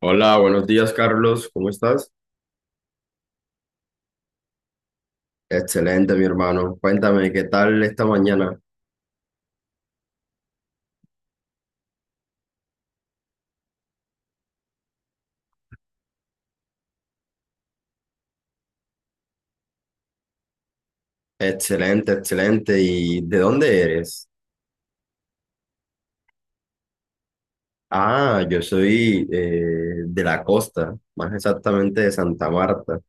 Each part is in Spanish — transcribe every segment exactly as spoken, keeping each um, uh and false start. Hola, buenos días, Carlos. ¿Cómo estás? Excelente, mi hermano. Cuéntame, ¿qué tal esta mañana? Excelente, excelente. ¿Y de dónde eres? Ah, yo soy eh, de la costa, más exactamente de Santa Marta.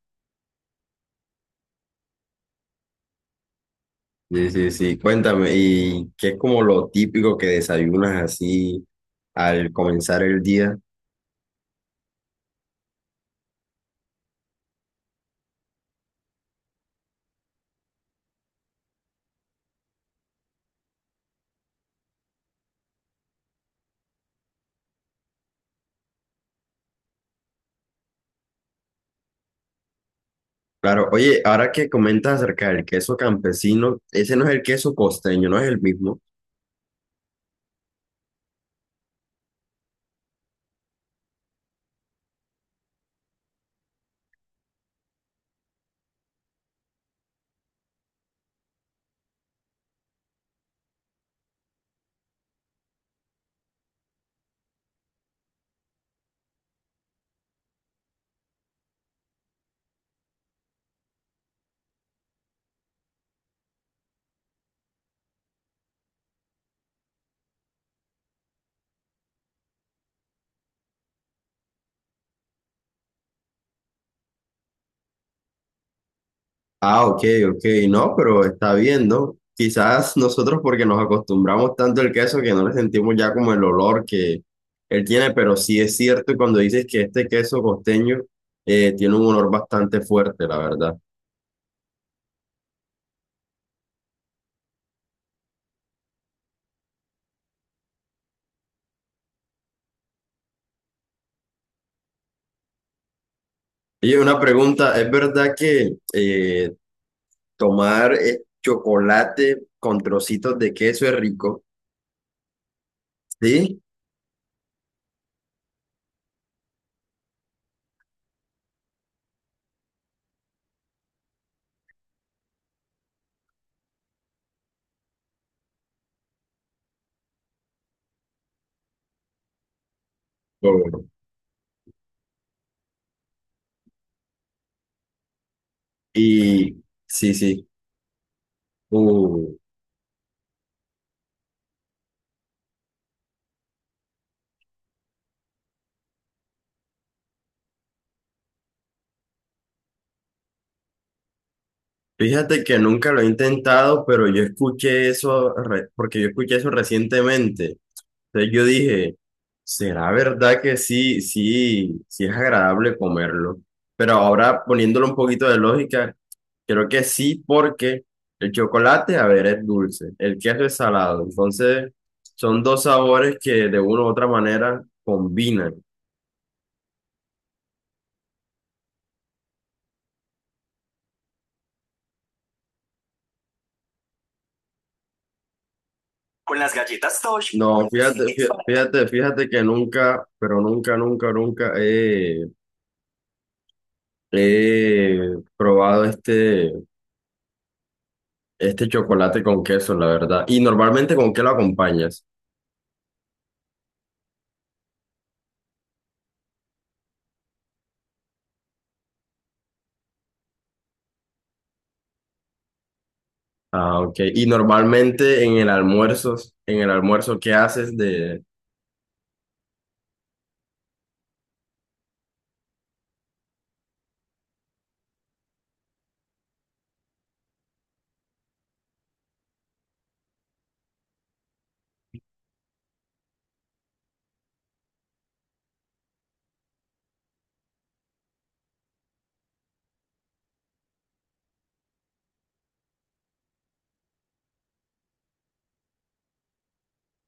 Sí, sí, sí. Cuéntame, ¿y qué es como lo típico que desayunas así al comenzar el día? Claro, oye, ahora que comentas acerca del queso campesino, ese no es el queso costeño, no es el mismo. Ah, ok, ok, no, pero está bien, ¿no? Quizás nosotros porque nos acostumbramos tanto al queso que no le sentimos ya como el olor que él tiene, pero sí es cierto cuando dices que este queso costeño eh, tiene un olor bastante fuerte, la verdad. Y una pregunta, ¿es verdad que eh, tomar eh, chocolate con trocitos de queso es rico? Sí. Oh, y sí, sí. Uh. Fíjate que nunca lo he intentado, pero yo escuché eso, re- porque yo escuché eso recientemente. Entonces yo dije, ¿será verdad que sí, sí, sí es agradable comerlo? Pero ahora poniéndolo un poquito de lógica, creo que sí, porque el chocolate, a ver, es dulce, el queso es salado. Entonces son dos sabores que de una u otra manera combinan. Con las galletas Tosh. No, fíjate, fí- fíjate, fíjate que nunca, pero nunca, nunca, nunca he probado este, este chocolate con queso, la verdad. ¿Y normalmente con qué lo acompañas? Ah, ok. Y normalmente en el almuerzo, en el almuerzo, ¿qué haces de...?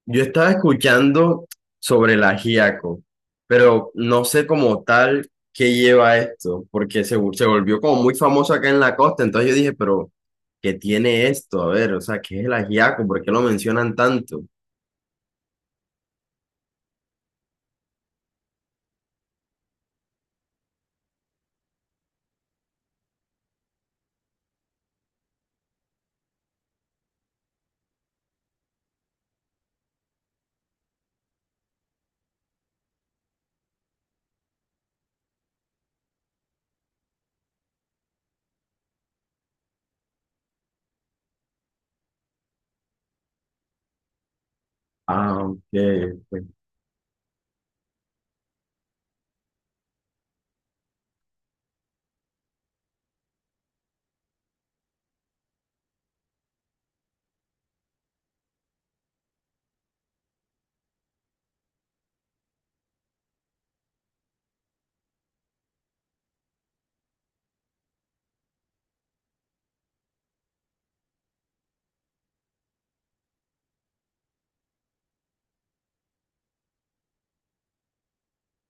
Yo estaba escuchando sobre el ajiaco, pero no sé como tal qué lleva esto, porque se, se volvió como muy famoso acá en la costa. Entonces yo dije, pero ¿qué tiene esto? A ver, o sea, ¿qué es el ajiaco? ¿Por qué lo mencionan tanto? Ah, ok. Ok.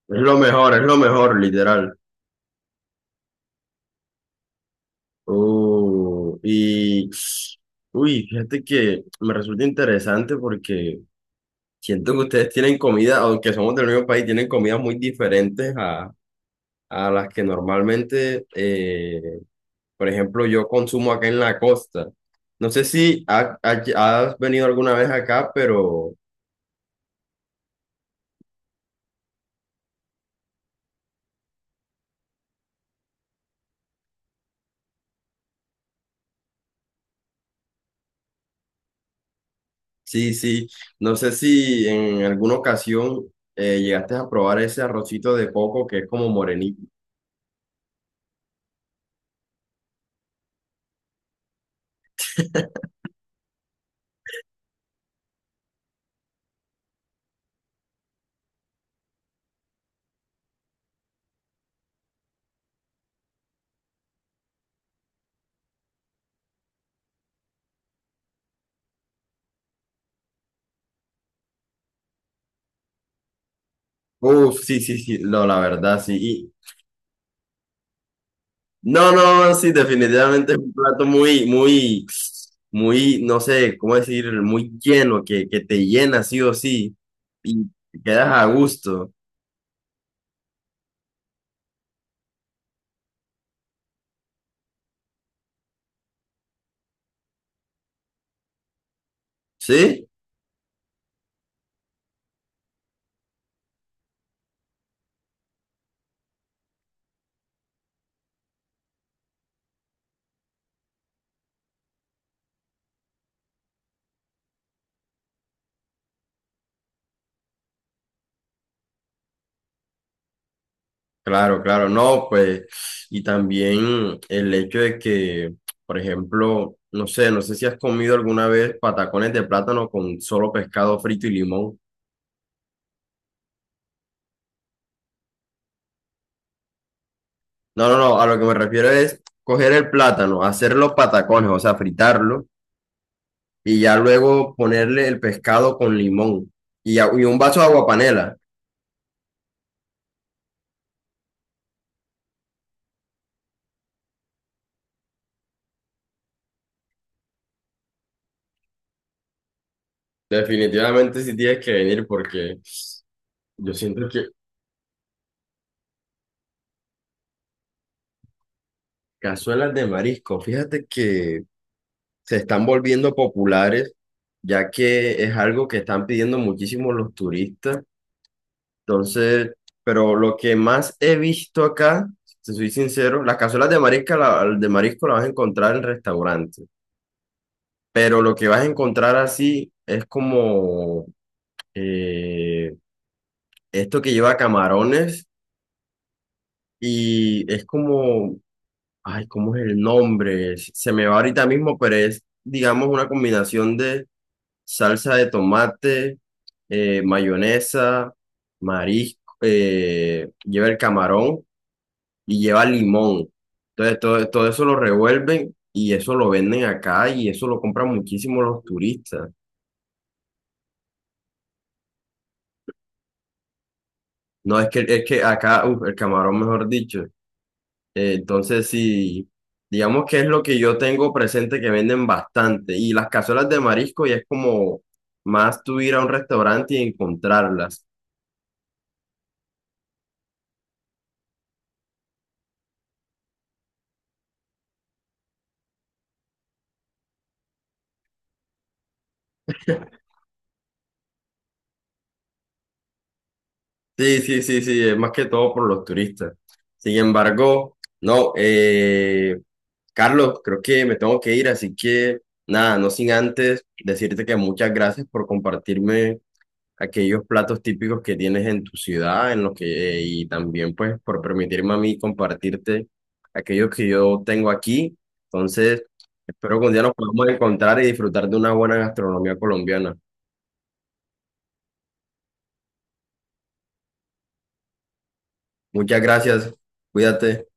Es lo mejor, es lo mejor, literal. Oh, y uy, fíjate que me resulta interesante porque siento que ustedes tienen comida, aunque somos del mismo país, tienen comidas muy diferentes a, a las que normalmente, eh, por ejemplo, yo consumo acá en la costa. No sé si ha- ha- has venido alguna vez acá, pero sí, sí, no sé si en alguna ocasión eh, llegaste a probar ese arrocito de coco que es como morenito. Uf, sí, sí, sí, no, la verdad, sí. No, no, sí, definitivamente es un plato muy, muy, muy, no sé cómo decir, muy lleno, que, que te llena sí o sí y te quedas a gusto, ¿sí? Claro, claro, no, pues, y también el hecho de que, por ejemplo, no sé, no sé si has comido alguna vez patacones de plátano con solo pescado frito y limón. No, no, no, a lo que me refiero es coger el plátano, hacer los patacones, o sea, fritarlo y ya luego ponerle el pescado con limón y, a- y un vaso de aguapanela. Definitivamente sí tienes que venir porque yo siento que cazuelas de marisco, fíjate que se están volviendo populares ya que es algo que están pidiendo muchísimo los turistas. Entonces, pero lo que más he visto acá, si soy sincero, las cazuelas de marisco, la, de marisco las vas a encontrar en restaurantes, pero lo que vas a encontrar así es como... eh, esto que lleva camarones y es como, ay, ¿cómo es el nombre? Se me va ahorita mismo, pero es, digamos, una combinación de salsa de tomate, eh, mayonesa, marisco, eh, lleva el camarón y lleva limón. Entonces, todo, todo eso lo revuelven y eso lo venden acá y eso lo compran muchísimo los turistas. No, es que, es que acá, uf, el camarón, mejor dicho. Eh, entonces, sí, digamos que es lo que yo tengo presente que venden bastante. Y las cazuelas de marisco ya es como más tú ir a un restaurante y encontrarlas. Sí, sí, sí, sí, es más que todo por los turistas. Sin embargo, no, eh, Carlos, creo que me tengo que ir, así que nada, no sin antes decirte que muchas gracias por compartirme aquellos platos típicos que tienes en tu ciudad, en los que, eh, y también pues por permitirme a mí compartirte aquellos que yo tengo aquí. Entonces, espero que un día nos podamos encontrar y disfrutar de una buena gastronomía colombiana. Muchas gracias, cuídate.